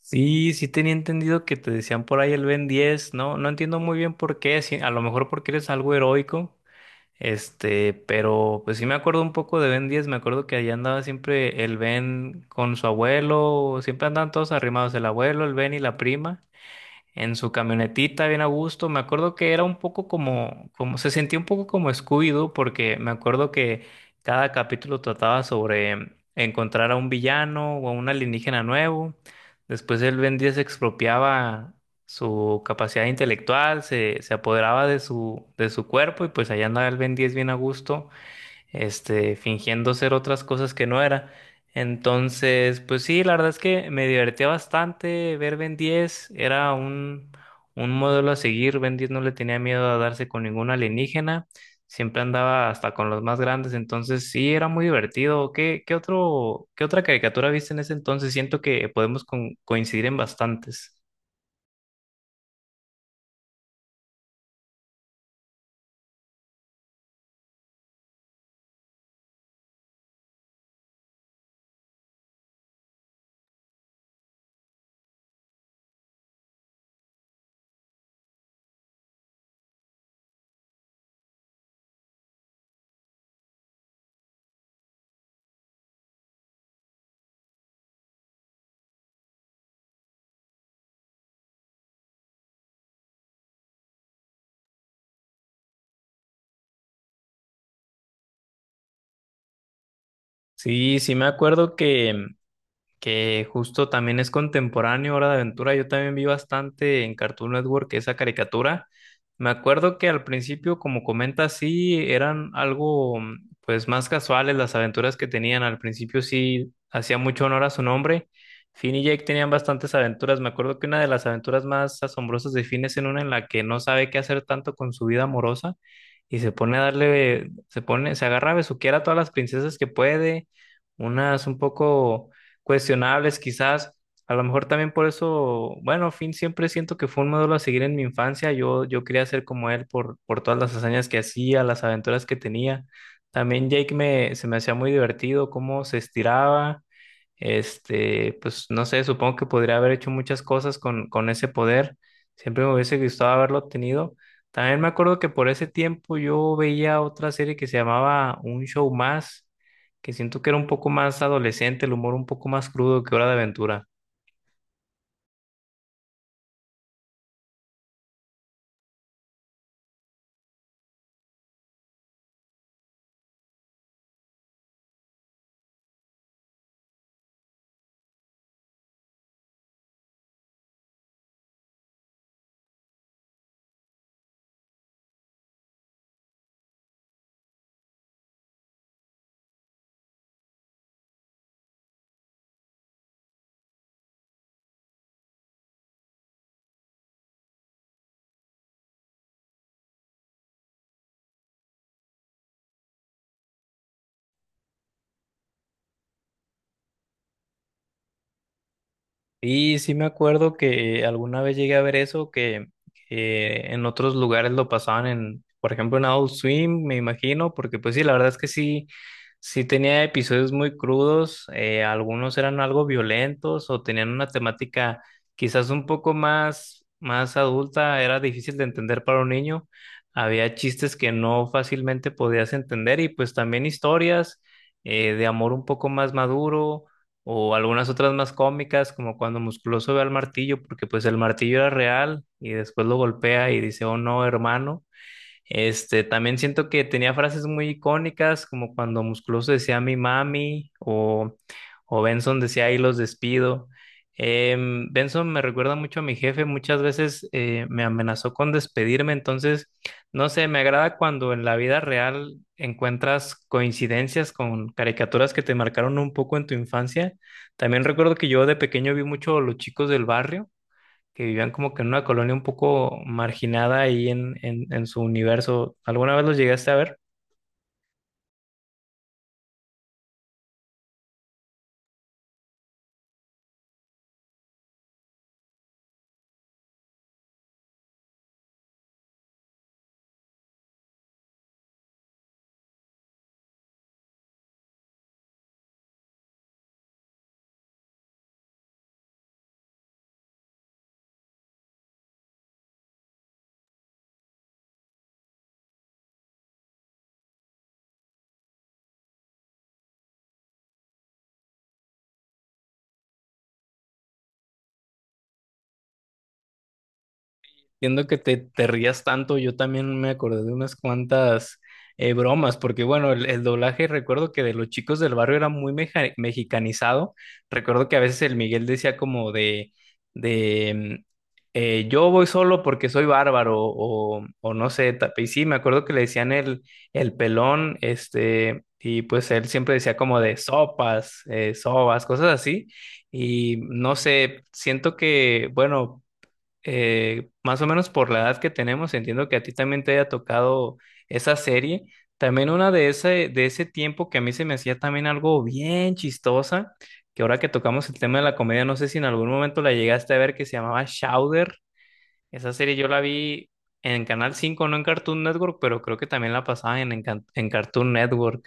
Sí, sí tenía entendido que te decían por ahí el Ben 10, ¿no? No entiendo muy bien por qué, sí, a lo mejor porque eres algo heroico, pero pues sí me acuerdo un poco de Ben 10. Me acuerdo que allá andaba siempre el Ben con su abuelo, siempre andaban todos arrimados, el abuelo, el Ben y la prima, en su camionetita bien a gusto. Me acuerdo que era un poco como se sentía un poco como Scooby-Doo, porque me acuerdo que cada capítulo trataba sobre encontrar a un villano o a un alienígena nuevo. Después el Ben 10 expropiaba su capacidad intelectual, se apoderaba de de su cuerpo, y pues allá andaba el Ben 10 bien a gusto, fingiendo ser otras cosas que no era. Entonces, pues sí, la verdad es que me divertía bastante ver Ben 10. Era un modelo a seguir. Ben 10 no le tenía miedo a darse con ningún alienígena, siempre andaba hasta con los más grandes. Entonces sí, era muy divertido. ¿ Qué otra caricatura viste en ese entonces? Siento que podemos coincidir en bastantes. Sí, sí me acuerdo que justo también es contemporáneo, Hora de Aventura. Yo también vi bastante en Cartoon Network esa caricatura. Me acuerdo que al principio, como comentas, sí eran algo pues más casuales las aventuras que tenían. Al principio sí hacía mucho honor a su nombre. Finn y Jake tenían bastantes aventuras. Me acuerdo que una de las aventuras más asombrosas de Finn es en una en la que no sabe qué hacer tanto con su vida amorosa, y se pone a se agarra a besuquear a todas las princesas que puede, unas un poco cuestionables quizás. A lo mejor también por eso, bueno, Finn siempre siento que fue un modelo a seguir en mi infancia. Yo quería ser como él por todas las hazañas que hacía, las aventuras que tenía. También se me hacía muy divertido cómo se estiraba. Pues no sé, supongo que podría haber hecho muchas cosas con ese poder. Siempre me hubiese gustado haberlo tenido. También me acuerdo que por ese tiempo yo veía otra serie que se llamaba Un Show Más, que siento que era un poco más adolescente, el humor un poco más crudo que Hora de Aventura. Y sí me acuerdo que alguna vez llegué a ver eso, que en otros lugares lo pasaban en, por ejemplo, en Adult Swim, me imagino, porque pues sí, la verdad es que sí, sí tenía episodios muy crudos. Algunos eran algo violentos o tenían una temática quizás un poco más adulta, era difícil de entender para un niño. Había chistes que no fácilmente podías entender, y pues también historias de amor un poco más maduro, o algunas otras más cómicas, como cuando Musculoso ve al martillo, porque pues el martillo era real y después lo golpea y dice: oh no, hermano. También siento que tenía frases muy icónicas, como cuando Musculoso decía mi mami, o Benson decía ahí los despido. Benson me recuerda mucho a mi jefe, muchas veces me amenazó con despedirme. Entonces, no sé, me agrada cuando en la vida real encuentras coincidencias con caricaturas que te marcaron un poco en tu infancia. También recuerdo que yo de pequeño vi mucho Los Chicos del Barrio, que vivían como que en una colonia un poco marginada ahí en su universo. ¿Alguna vez los llegaste a ver? Entiendo que te rías tanto, yo también me acordé de unas cuantas bromas, porque bueno, el doblaje recuerdo que de Los Chicos del Barrio era muy mexicanizado. Recuerdo que a veces el Miguel decía como de, yo voy solo porque soy bárbaro, o no sé, y sí, me acuerdo que le decían el pelón. Y pues él siempre decía como de sopas, sobas, cosas así. Y no sé, siento que, bueno, más o menos por la edad que tenemos, entiendo que a ti también te haya tocado esa serie. También una de de ese tiempo que a mí se me hacía también algo bien chistosa, que ahora que tocamos el tema de la comedia, no sé si en algún momento la llegaste a ver, que se llamaba Chowder. Esa serie yo la vi en Canal 5, no en Cartoon Network, pero creo que también la pasaban en Cartoon Network.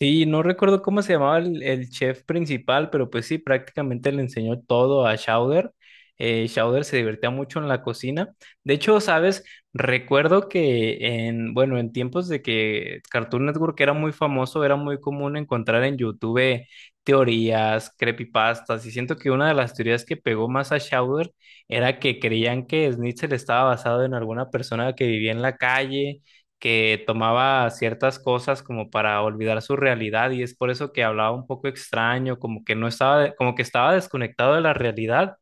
Sí, no recuerdo cómo se llamaba el chef principal, pero pues sí, prácticamente le enseñó todo a Chowder. Chowder se divertía mucho en la cocina. De hecho, sabes, recuerdo que en, bueno, en tiempos de que Cartoon Network era muy famoso, era muy común encontrar en YouTube teorías, creepypastas, y siento que una de las teorías que pegó más a Chowder era que creían que Snitzel estaba basado en alguna persona que vivía en la calle, que tomaba ciertas cosas como para olvidar su realidad, y es por eso que hablaba un poco extraño, como que no estaba, como que estaba desconectado de la realidad.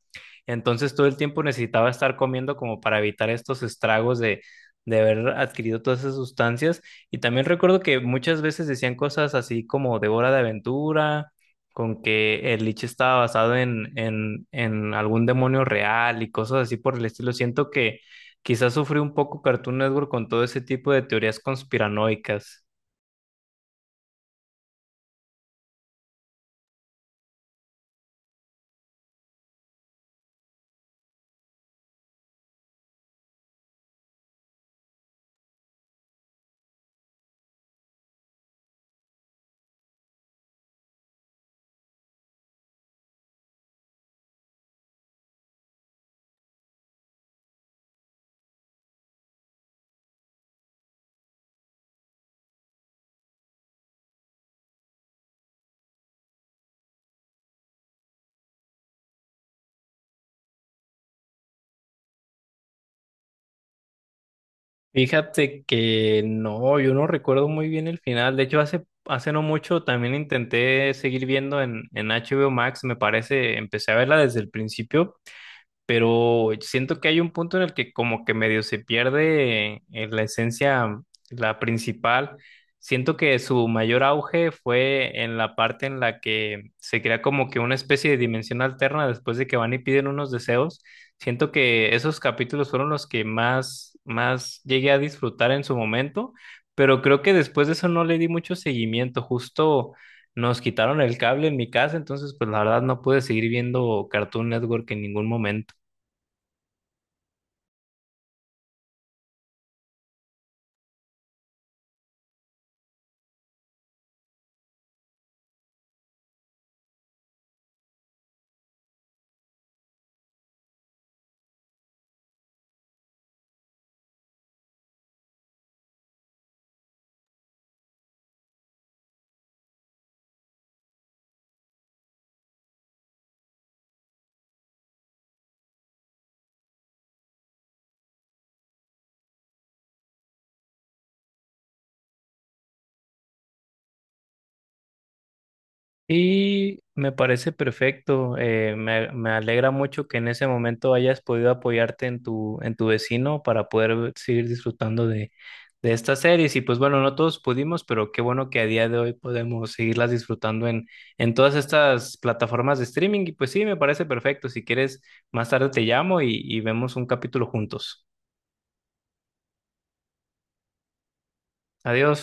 Entonces todo el tiempo necesitaba estar comiendo como para evitar estos estragos de haber adquirido todas esas sustancias. Y también recuerdo que muchas veces decían cosas así como de Hora de Aventura, con que el lich estaba basado en algún demonio real, y cosas así por el estilo. Siento que quizás sufrí un poco Cartoon Network con todo ese tipo de teorías conspiranoicas. Fíjate que no, yo no recuerdo muy bien el final. De hecho, hace no mucho también intenté seguir viendo en HBO Max, me parece, empecé a verla desde el principio, pero siento que hay un punto en el que como que medio se pierde la esencia, la principal. Siento que su mayor auge fue en la parte en la que se crea como que una especie de dimensión alterna después de que van y piden unos deseos. Siento que esos capítulos fueron los que más llegué a disfrutar en su momento, pero creo que después de eso no le di mucho seguimiento. Justo nos quitaron el cable en mi casa, entonces pues la verdad no pude seguir viendo Cartoon Network en ningún momento. Y me parece perfecto. Me alegra mucho que en ese momento hayas podido apoyarte en en tu vecino para poder seguir disfrutando de estas series. Y pues bueno, no todos pudimos, pero qué bueno que a día de hoy podemos seguirlas disfrutando en todas estas plataformas de streaming. Y pues sí, me parece perfecto. Si quieres, más tarde te llamo, y vemos un capítulo juntos. Adiós.